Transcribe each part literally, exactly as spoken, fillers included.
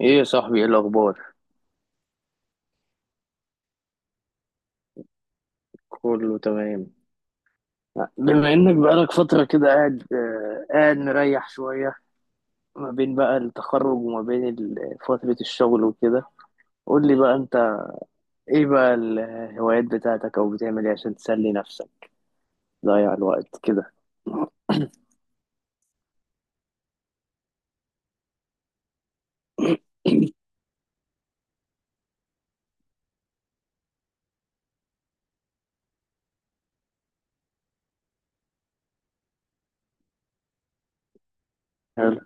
ايه يا صاحبي؟ ايه الاخبار؟ كله تمام. بما انك بقالك فتره كده قاعد آه، قاعد مريح شويه، ما بين بقى التخرج وما بين ال- فتره الشغل وكده. قول لي بقى انت، ايه بقى الهوايات بتاعتك او بتعمل ايه عشان تسلي نفسك تضيع الوقت كده؟ حلو.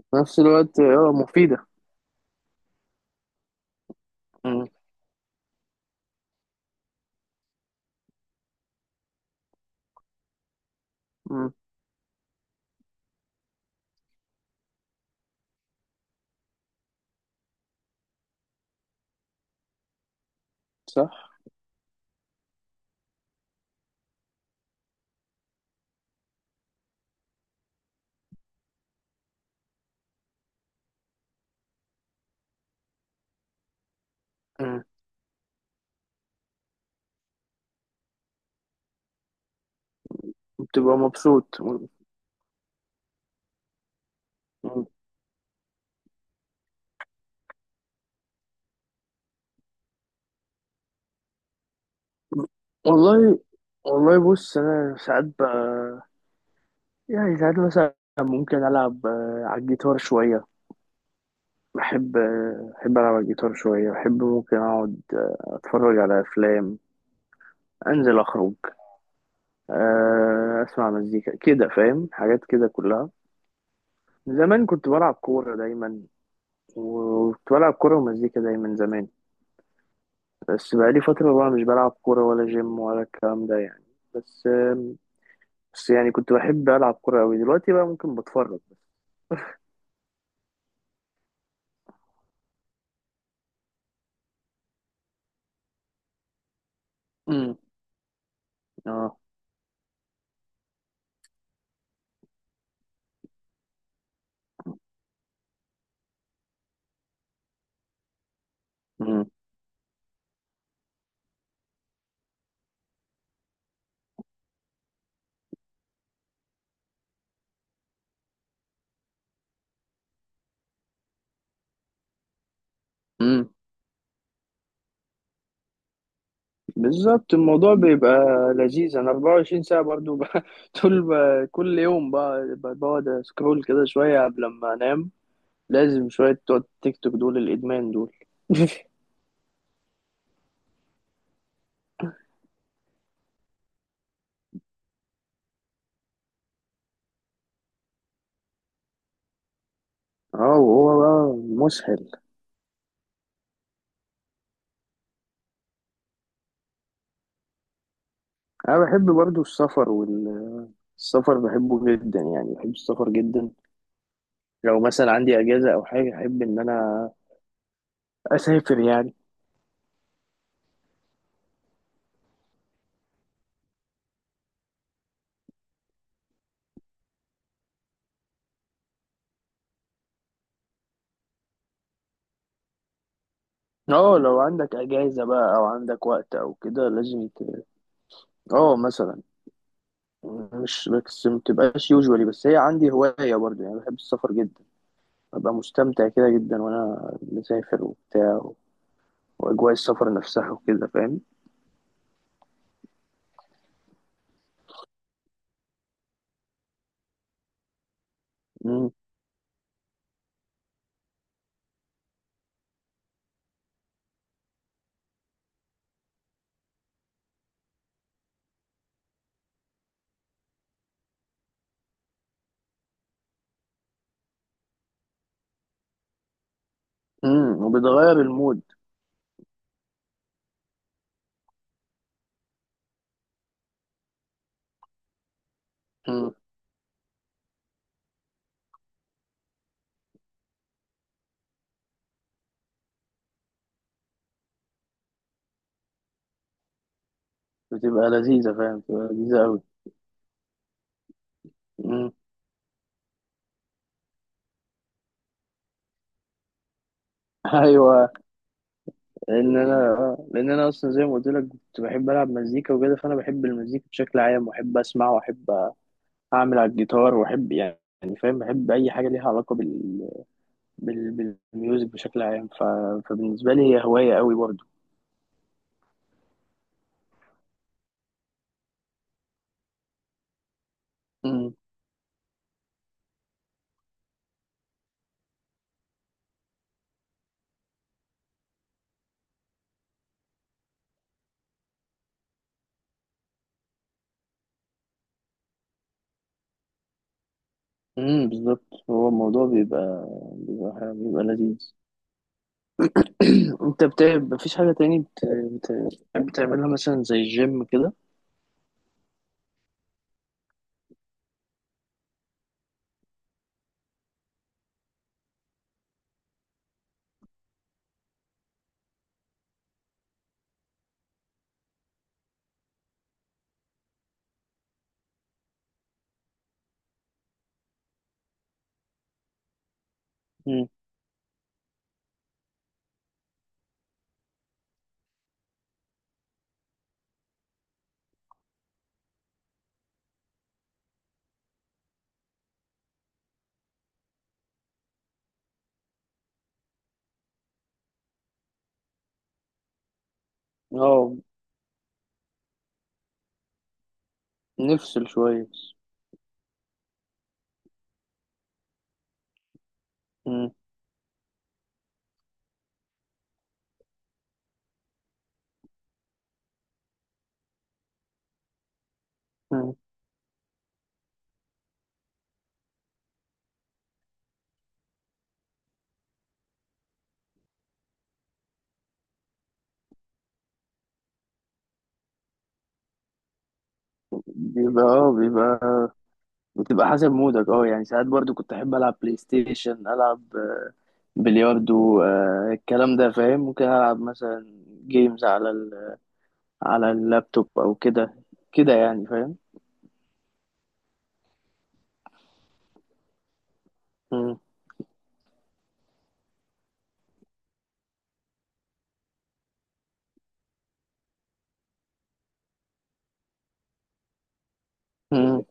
في نفس الوقت، اه، مفيده. مم. مم. صح. مم. بتبقى مبسوط. مم. مم. والله والله، بص انا ساعات بقى، يعني ساعات مثلا ممكن العب آه، على الجيتار شويه. بحب بحب ألعب على الجيتار شوية. بحب ممكن أقعد آه، أتفرج على أفلام، أنزل أخرج، آه، أسمع مزيكا كده فاهم حاجات كده كلها. زمان كنت بلعب كورة دايما، وكنت بلعب كورة ومزيكا دايما زمان. بس بقالي فترة بقى مش بلعب كورة ولا جيم ولا الكلام ده يعني. بس آه، بس يعني كنت بحب ألعب كورة أوي، دلوقتي بقى ممكن بتفرج بس. امم. اه. امم. بالظبط الموضوع بيبقى لذيذ. انا 24 ساعة برضو ب- طول ب- كل يوم بقى- ب- بقعد اسكرول كده شوية قبل ما انام. لازم شوية بتوع التيك توك دول الادمان دول. اه، وهو بقى مسهل. انا بحب برضو السفر، والسفر بحبه جدا، يعني بحب السفر جدا. لو مثلا عندي اجازة او حاجة احب ان انا اسافر يعني. اه، لو عندك اجازة بقى او عندك وقت او كده لازم ت... اه، مثلا، مش بس ما بتبقاش يوجوالي، بس هي عندي هواية برضه يعني بحب السفر جدا. ببقى مستمتع كده جدا وأنا مسافر وبتاع و- وأجواء السفر نفسها وكده فاهم. مم. مم. وبتغير المود. مم. بتبقى لذيذة فاهم، بتبقى لذيذة أوي. مم. أيوة. لأن أنا آه، لأن أنا أصلا زي ما قلت لك كنت بحب ألعب مزيكا وكده، فأنا بحب المزيكا بشكل عام، وأحب أسمع وأحب أعمل على الجيتار وأحب، يعني يعني فاهم، بحب أي حاجة ليها علاقة بال- بالميوزك بشكل عام ف... فبالنسبة لي هي هواية قوي برضه. امم امم بالظبط. هو الموضوع بيبقى بيبقى, بيبقى لذيذ. انت بتاع، مفيش حاجة تاني بت... بت... بتحب تعملها مثلا زي الجيم كده؟ امم. اه، نفصل شوية. امم. امم. بيبقى اه بيبقى بتبقى حسب مودك. اه، يعني ساعات برضو كنت احب العب بلاي ستيشن، العب بلياردو، آه الكلام ده فاهم. ممكن العب مثلا جيمز على على اللابتوب او كده، كده يعني فاهم. مم. مم.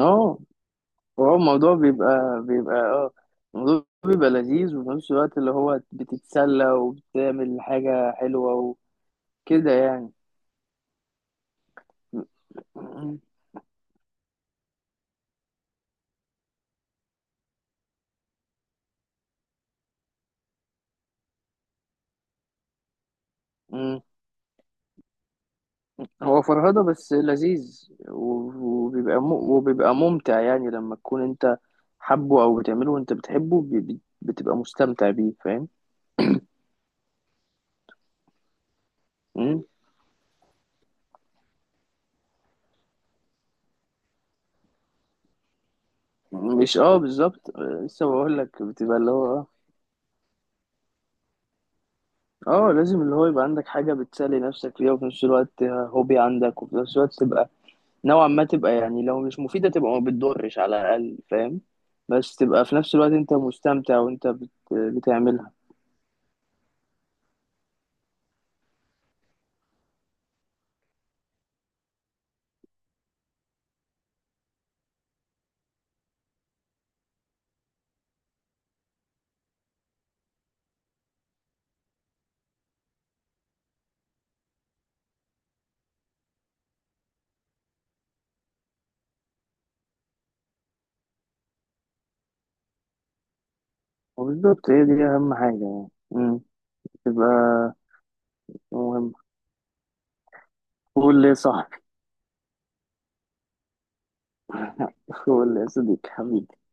اه. هو الموضوع بيبقى بيبقى اه الموضوع بيبقى لذيذ وفي نفس الوقت اللي هو بتتسلى وبتعمل حاجة حلوة وكده يعني. مم. مم. هو فرهدة بس لذيذ، و- وبيبقى م... وبيبقى ممتع، يعني لما تكون انت حبه او بتعمله وانت بتحبه بي- بي- بتبقى مستمتع بيه فاهم. مم. مش، اه بالظبط، آه، لسه بقول لك بتبقى اللي هو آه، اه، لازم اللي هو يبقى عندك حاجة بتسلي نفسك فيها وفي نفس الوقت هوبي عندك وفي نفس الوقت تبقى نوعا ما، تبقى يعني لو مش مفيدة تبقى ما بتضرش على الأقل فاهم. بس تبقى في نفس الوقت انت مستمتع وانت بت... بتعملها. وبالظبط هي دي أهم حاجة يعني. مم. تبقى مهم. قول لي يا صاحبي. قول لي يا صديقي حبيبي.